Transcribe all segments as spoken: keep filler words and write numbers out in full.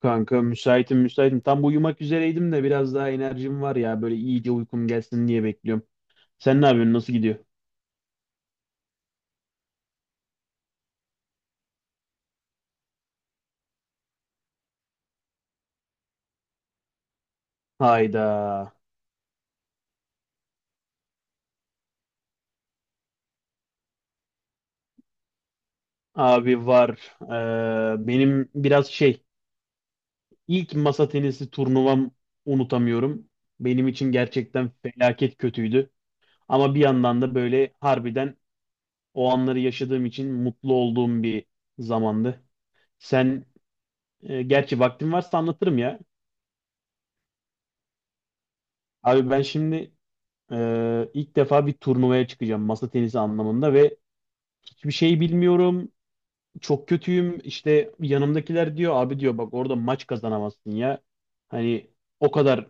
Kanka müsaitim müsaitim. Tam uyumak üzereydim de biraz daha enerjim var ya. Böyle iyice uykum gelsin diye bekliyorum. Sen ne yapıyorsun? Nasıl gidiyor? Hayda. Abi var. Ee, benim biraz şey ilk masa tenisi turnuvam unutamıyorum. Benim için gerçekten felaket kötüydü. Ama bir yandan da böyle harbiden o anları yaşadığım için mutlu olduğum bir zamandı. Sen e, Gerçi vaktin varsa anlatırım ya. Abi ben şimdi Ee, ilk defa bir turnuvaya çıkacağım masa tenisi anlamında ve hiçbir şey bilmiyorum. Çok kötüyüm. İşte yanımdakiler diyor abi diyor bak orada maç kazanamazsın ya. Hani o kadar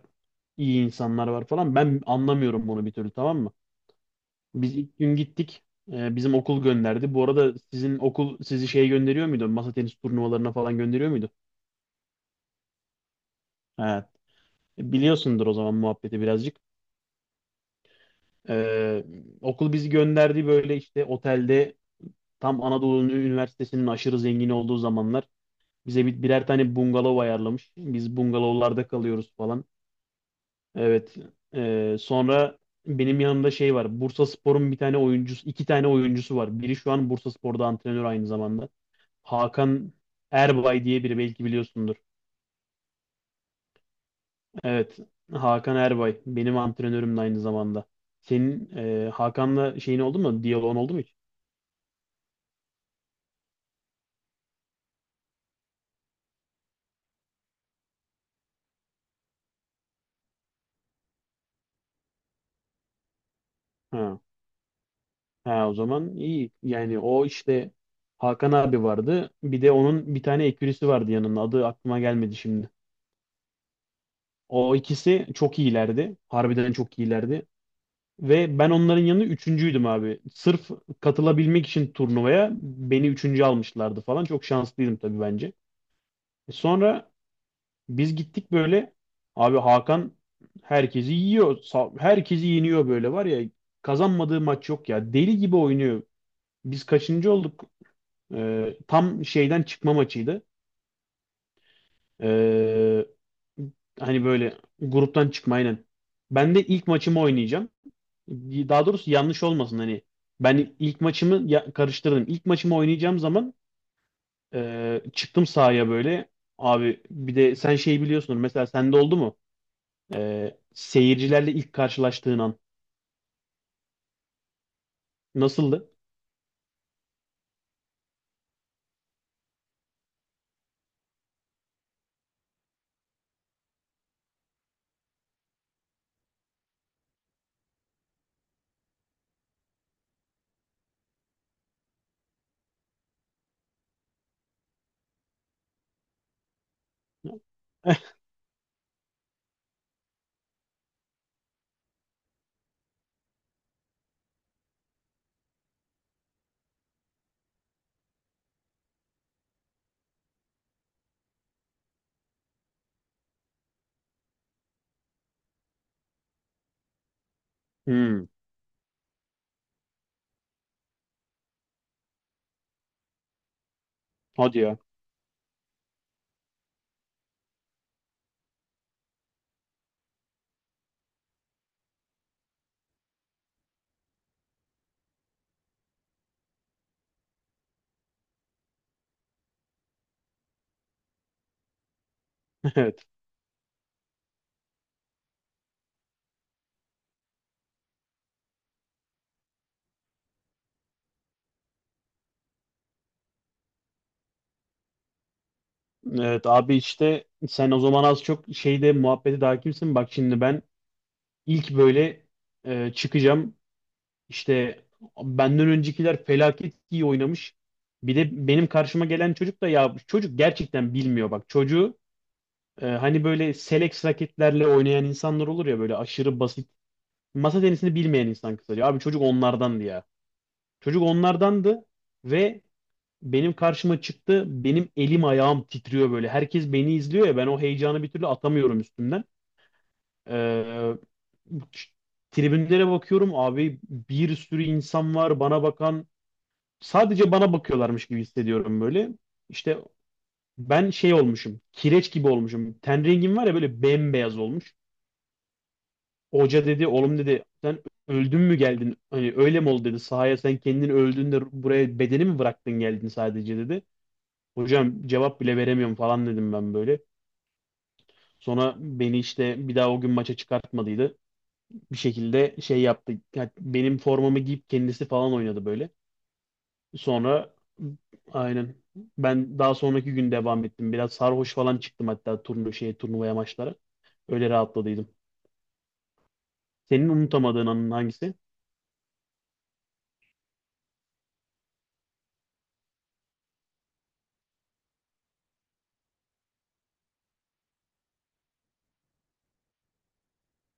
iyi insanlar var falan. Ben anlamıyorum bunu bir türlü, tamam mı? Biz ilk gün gittik. Ee, bizim okul gönderdi. Bu arada sizin okul sizi şey gönderiyor muydu? Masa tenis turnuvalarına falan gönderiyor muydu? Ha, biliyorsundur o zaman muhabbeti birazcık. Ee, Okul bizi gönderdi böyle işte otelde. Tam Anadolu Üniversitesi'nin aşırı zengin olduğu zamanlar bize bir, birer tane bungalov ayarlamış. Biz bungalovlarda kalıyoruz falan. Evet. Ee, sonra benim yanımda şey var. Bursaspor'un bir tane oyuncusu, iki tane oyuncusu var. Biri şu an Bursaspor'da antrenör aynı zamanda. Hakan Erbay diye biri, belki biliyorsundur. Evet. Hakan Erbay benim antrenörüm de aynı zamanda. Senin e, Hakan'la şeyin oldu mu? Diyaloğun oldu mu hiç? Ha. Ha, o zaman iyi. Yani o işte Hakan abi vardı. Bir de onun bir tane ekürisi vardı yanında. Adı aklıma gelmedi şimdi. O ikisi çok iyilerdi. Harbiden çok iyilerdi. Ve ben onların yanında üçüncüydüm abi. Sırf katılabilmek için turnuvaya beni üçüncü almışlardı falan. Çok şanslıydım tabii bence. E, Sonra biz gittik böyle. Abi Hakan herkesi yiyor. Sa- Herkesi yeniyor böyle var ya. Kazanmadığı maç yok ya. Deli gibi oynuyor. Biz kaçıncı olduk? Ee, tam şeyden çıkma maçıydı. Ee, Hani böyle gruptan çıkma, aynen. Ben de ilk maçımı oynayacağım. Daha doğrusu yanlış olmasın hani. Ben ilk maçımı ya- karıştırdım. İlk maçımı oynayacağım zaman e, çıktım sahaya böyle. Abi bir de sen şey biliyorsunuz. Mesela sende oldu mu? E, seyircilerle ilk karşılaştığın an nasıldı? Hmm, hadi ya. Evet. Evet abi işte sen o zaman az çok şeyde muhabbeti daha kimsin? Bak şimdi ben İlk böyle e, çıkacağım. İşte benden öncekiler felaket iyi oynamış. Bir de benim karşıma gelen çocuk da ya bu çocuk gerçekten bilmiyor bak. Çocuğu e, hani böyle select raketlerle oynayan insanlar olur ya, böyle aşırı basit. Masa tenisini bilmeyen insan kısaca. Abi çocuk onlardandı ya. Çocuk onlardandı ve benim karşıma çıktı. Benim elim ayağım titriyor böyle. Herkes beni izliyor ya, ben o heyecanı bir türlü atamıyorum üstümden. E, Tribünlere bakıyorum abi, bir sürü insan var bana bakan. Sadece bana bakıyorlarmış gibi hissediyorum böyle. İşte ben şey olmuşum. Kireç gibi olmuşum. Ten rengim var ya, böyle bembeyaz olmuş. Hoca dedi oğlum dedi sen öldün mü geldin? Hani öyle mi oldu dedi. Sahaya sen kendin öldün de buraya bedeni mi bıraktın geldin sadece dedi. Hocam cevap bile veremiyorum falan dedim ben böyle. Sonra beni işte bir daha o gün maça çıkartmadıydı. Bir şekilde şey yaptı. Yani benim formamı giyip kendisi falan oynadı böyle. Sonra aynen ben daha sonraki gün devam ettim. Biraz sarhoş falan çıktım hatta turnu şey turnuvaya, maçlara. Öyle rahatladıydım. Senin unutamadığın anın hangisi?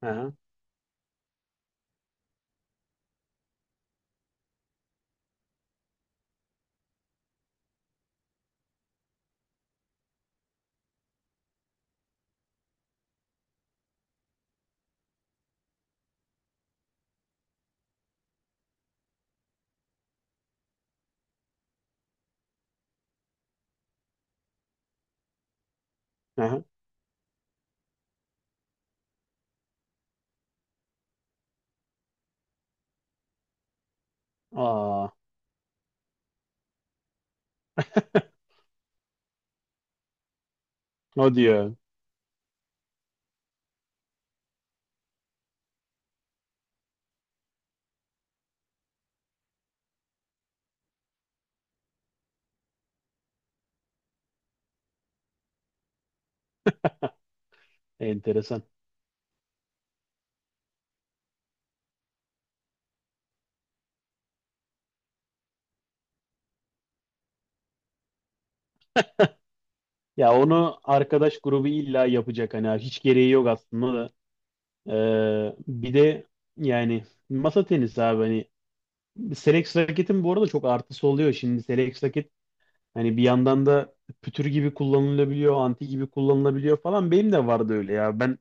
Aha, aha. Aa, o diyor. Enteresan. Ya onu arkadaş grubu illa yapacak, hani hiç gereği yok aslında da. Ee, bir de yani masa tenisi abi hani Selex raketin bu arada çok artısı oluyor. Şimdi Selex hani bir yandan da pütür gibi kullanılabiliyor, anti gibi kullanılabiliyor falan. Benim de vardı öyle ya. Ben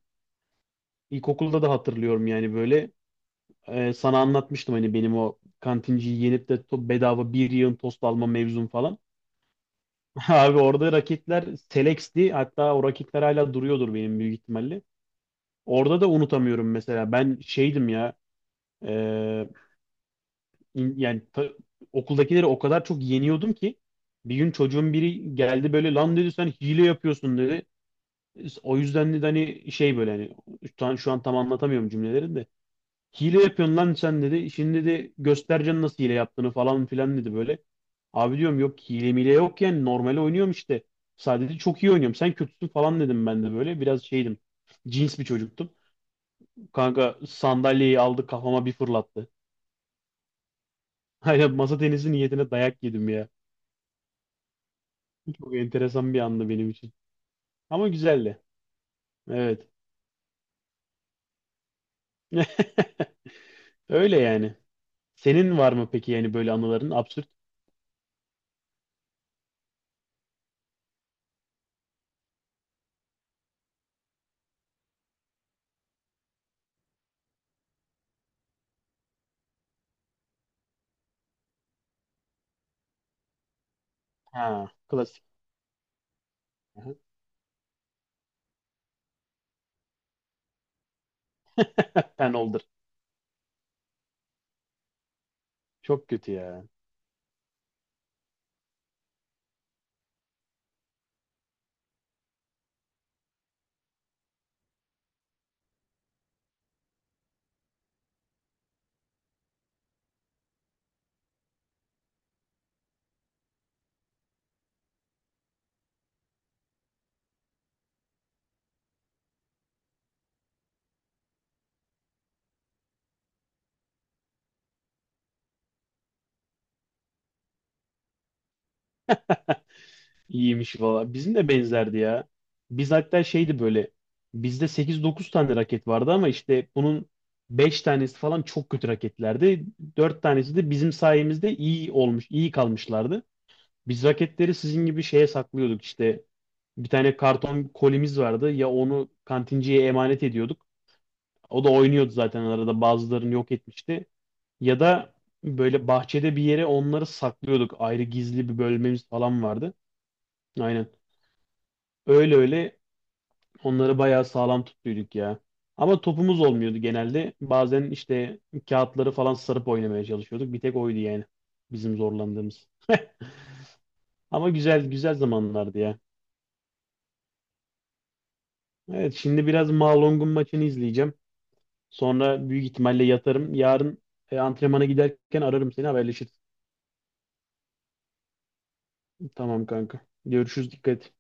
ilkokulda da hatırlıyorum yani böyle. Ee, sana anlatmıştım hani benim o kantinciyi yenip de to- bedava bir yığın tost alma mevzum falan. Abi orada raketler Selex'ti. Hatta o raketler hala duruyordur benim büyük ihtimalle. Orada da unutamıyorum mesela. Ben şeydim ya. e, in- yani ta- Okuldakileri o kadar çok yeniyordum ki. Bir gün çocuğun biri geldi böyle lan dedi sen hile yapıyorsun dedi. İşte o yüzden de hani şey böyle hani şu an, şu an tam anlatamıyorum cümleleri de. Hile yapıyorsun lan sen dedi. Şimdi de göstereceksin nasıl hile yaptığını falan filan dedi böyle. Abi diyorum yok, hile mile yok, yani normal oynuyorum işte. Sadece çok iyi oynuyorum. Sen kötüsün falan dedim ben de böyle. Biraz şeydim. Cins bir çocuktum. Kanka sandalyeyi aldı kafama bir fırlattı. Aynen masa tenisi niyetine dayak yedim ya. Çok enteresan bir andı benim için. Ama güzeldi. Evet. Öyle yani. Senin var mı peki yani böyle anıların? Absürt. Ha, klasik. Aha. Ben oldur. Çok kötü ya. İyiymiş valla. Bizim de benzerdi ya. Biz hatta şeydi böyle. Bizde sekiz dokuz tane raket vardı ama işte bunun beş tanesi falan çok kötü raketlerdi. Dört tanesi de bizim sayemizde iyi olmuş, iyi kalmışlardı. Biz raketleri sizin gibi şeye saklıyorduk işte. Bir tane karton kolimiz vardı. Ya onu kantinciye emanet ediyorduk. O da oynuyordu zaten arada. Bazılarını yok etmişti. Ya da böyle bahçede bir yere onları saklıyorduk. Ayrı gizli bir bölmemiz falan vardı. Aynen. Öyle öyle onları bayağı sağlam tutuyorduk ya. Ama topumuz olmuyordu genelde. Bazen işte kağıtları falan sarıp oynamaya çalışıyorduk. Bir tek oydu yani bizim zorlandığımız. Ama güzel güzel zamanlardı ya. Evet şimdi biraz Malong'un maçını izleyeceğim. Sonra büyük ihtimalle yatarım. Yarın e, antrenmana giderken ararım seni, haberleşiriz. Tamam kanka. Görüşürüz, dikkat et.